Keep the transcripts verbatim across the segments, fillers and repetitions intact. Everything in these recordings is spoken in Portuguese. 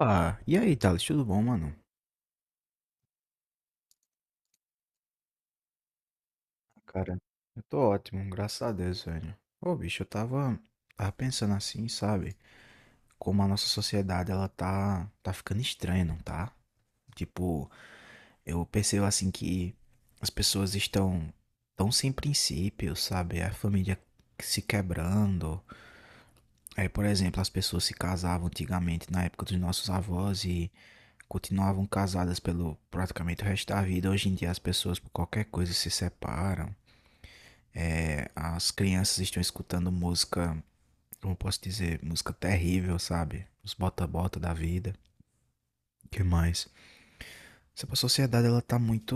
Ah, e aí, Thales, tudo bom, mano? Cara, eu tô ótimo, graças a Deus, velho. Ô, bicho, eu tava, tava pensando assim, sabe? Como a nossa sociedade, ela tá, tá ficando estranha, não tá? Tipo, eu percebo assim que as pessoas estão tão sem princípios, sabe? A família se quebrando. Aí, por exemplo, as pessoas se casavam antigamente, na época dos nossos avós, e continuavam casadas pelo praticamente o resto da vida. Hoje em dia as pessoas, por qualquer coisa, se separam. É, as crianças estão escutando música, como posso dizer, música terrível, sabe? Os bota-bota da vida. O que mais? Sabe, a sociedade, ela tá muito.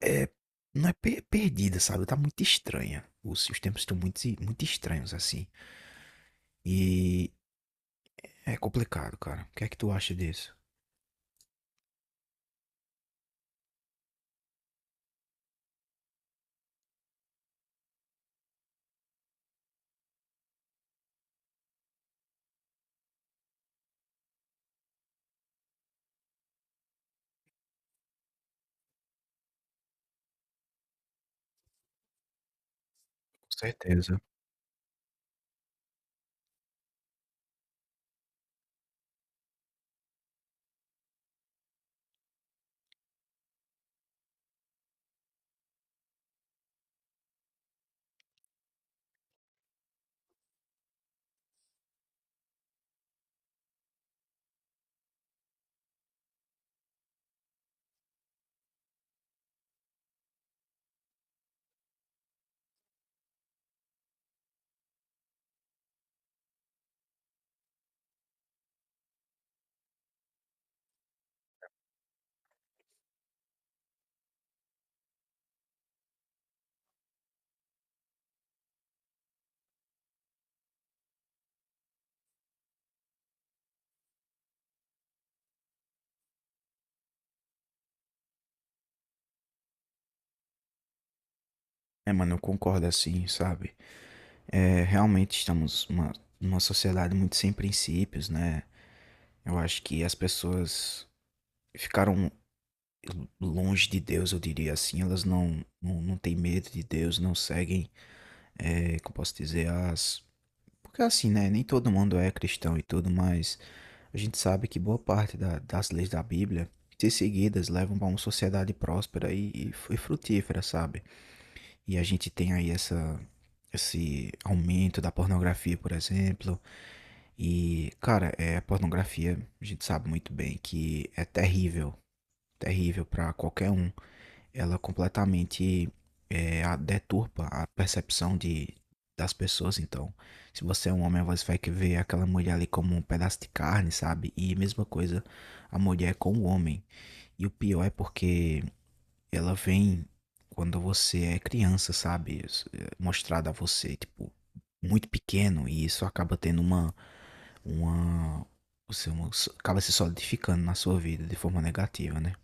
É, não é pe- perdida, sabe? Tá muito estranha. Os, os tempos estão muito, muito estranhos, assim. E é complicado, cara. O que é que tu acha disso? Com certeza. É, mano, eu concordo assim, sabe? É, realmente estamos uma, numa sociedade muito sem princípios, né? Eu acho que as pessoas ficaram longe de Deus, eu diria assim. Elas não, não, não têm medo de Deus, não seguem, é, como posso dizer, as. Porque é assim, né? Nem todo mundo é cristão e tudo, mas a gente sabe que boa parte da- das leis da Bíblia, se seguidas, levam para uma sociedade próspera e, e f- e frutífera, sabe? E a gente tem aí essa. Esse aumento da pornografia, por exemplo. E, cara, é, a pornografia, a gente sabe muito bem que é terrível, terrível para qualquer um ela completamente é, a- deturpa a percepção de, das pessoas. Então, se você é um homem, você vai que ver aquela mulher ali como um pedaço de carne, sabe? E mesma coisa a mulher com o homem. E o pior é porque ela vem quando você é criança, sabe? Isso, é, mostrada a você, tipo, muito pequeno. E isso acaba tendo uma. Uma você uma- acaba se solidificando na sua vida de forma negativa, né?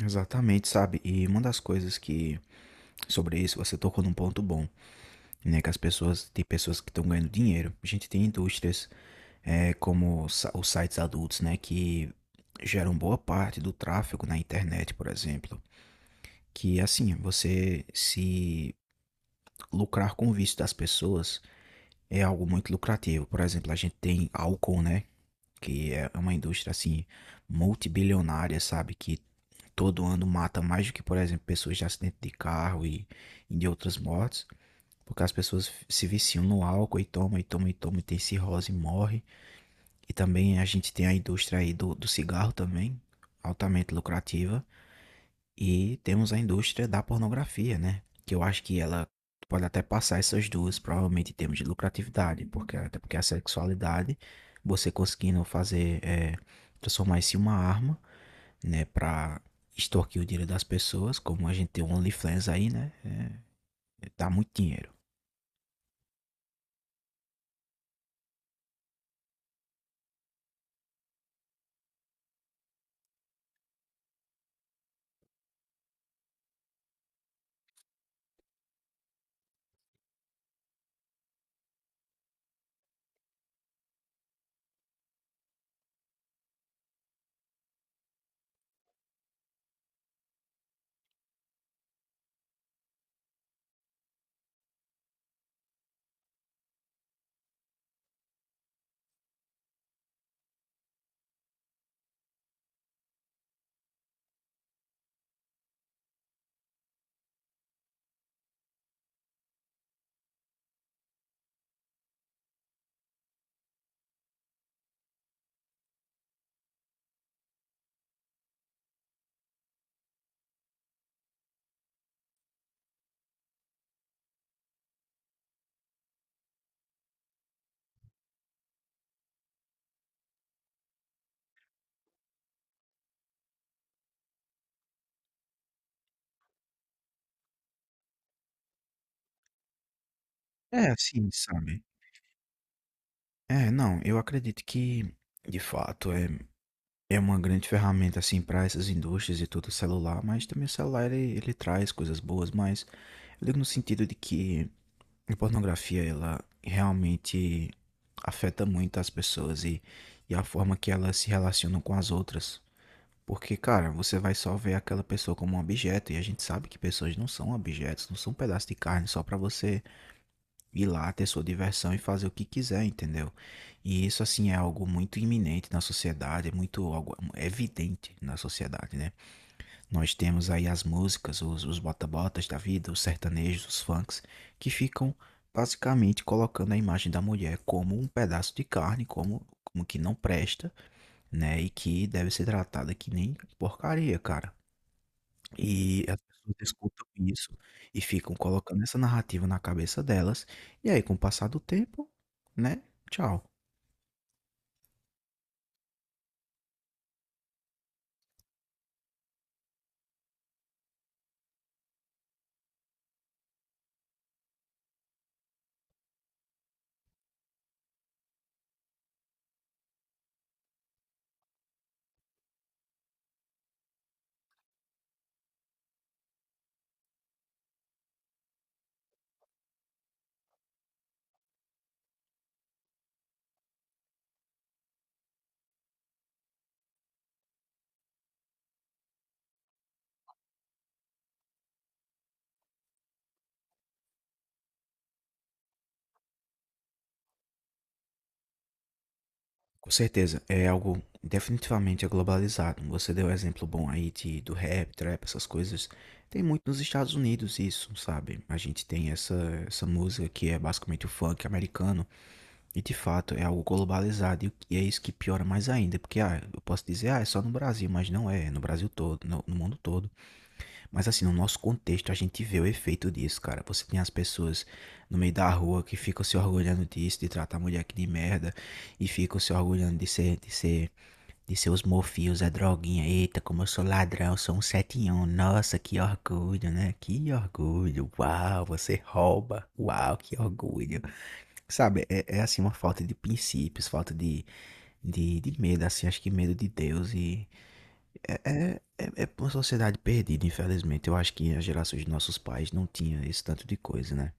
Exatamente, sabe? E uma das coisas que sobre isso, você tocou num ponto bom, né? Que as pessoas, tem pessoas que estão ganhando dinheiro. A gente tem indústrias é, como sa- os sites adultos, né? Que geram boa parte do tráfego na internet, por exemplo. Que assim, você se lucrar com o vício das pessoas é algo muito lucrativo. Por exemplo, a gente tem álcool, né? Que é uma indústria assim, multibilionária, sabe? Que todo ano mata mais do que, por exemplo, pessoas de acidente de carro e, e de outras mortes. Porque as pessoas se viciam no álcool e toma, e toma, e toma, e tem cirrose e morre. E também a gente tem a indústria aí do, do cigarro também, altamente lucrativa. E temos a indústria da pornografia, né? Que eu acho que ela pode até passar essas duas, provavelmente em termos de lucratividade. Porque, até porque a sexualidade, você conseguindo fazer, é, transformar isso em uma arma, né? Pra extorquir o dinheiro das pessoas, como a gente tem um OnlyFans aí, né? É, dá muito dinheiro. É, assim, sabe? É, não, eu acredito que, de fato, é, é uma grande ferramenta, assim, para essas indústrias e tudo, o celular, mas também o celular, ele, ele traz coisas boas, mas eu digo no sentido de que a pornografia, ela realmente afeta muito as pessoas e, e a forma que elas se relacionam com as outras. Porque, cara, você vai só ver aquela pessoa como um objeto, e a gente sabe que pessoas não são objetos, não são um pedaço de carne só para você ir lá ter sua diversão e fazer o que quiser, entendeu? E isso, assim, é algo muito iminente na sociedade, é muito algo é evidente na sociedade, né? Nós temos aí as músicas, os, os bota-botas da vida, os sertanejos, os funks, que ficam basicamente colocando a imagem da mulher como um pedaço de carne, como, como que não presta, né? E que deve ser tratada que nem porcaria, cara. E as pessoas escutam isso e ficam colocando essa narrativa na cabeça delas, e aí com o passar do tempo, né, tchau. Com certeza, é algo definitivamente é globalizado. Você deu exemplo bom aí de, do rap, trap, essas coisas. Tem muito nos Estados Unidos isso, sabe? A gente tem essa, essa música que é basicamente o funk americano, e de fato é algo globalizado, e o- e é isso que piora mais ainda, porque ah, eu posso dizer, ah, é só no Brasil, mas não é, é no Brasil todo, no no mundo todo. Mas assim, no nosso contexto, a gente vê o efeito disso, cara. Você tem as pessoas no meio da rua que ficam se orgulhando disso, de tratar a mulher aqui de merda, e ficam se orgulhando de ser, de ser, de ser os mofios, a droguinha. Eita, como eu sou ladrão, eu sou um setinhão. Nossa, que orgulho, né? Que orgulho. Uau, você rouba. Uau, que orgulho. Sabe, é, é assim uma falta de princípios, falta de, de, de medo, assim, acho que medo de Deus e é, é, é uma sociedade perdida, infelizmente. Eu acho que as gerações de nossos pais não tinha esse tanto de coisa, né?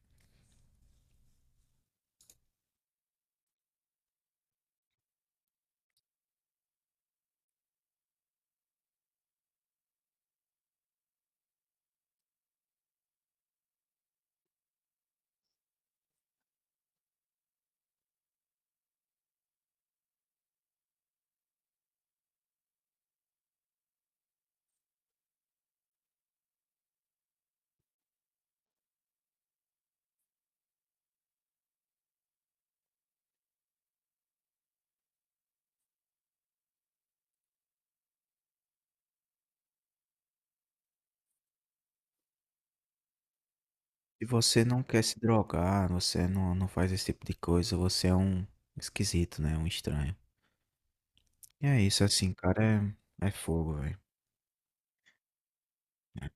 Se você não quer se drogar, você não, não faz esse tipo de coisa, você é um esquisito, né? Um estranho. E é isso, assim, cara, é, é fogo, velho. É.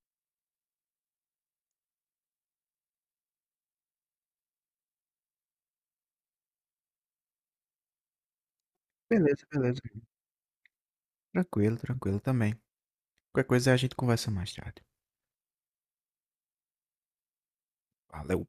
Beleza, beleza. Tranquilo, tranquilo também. Qualquer coisa a gente conversa mais tarde. Valeu!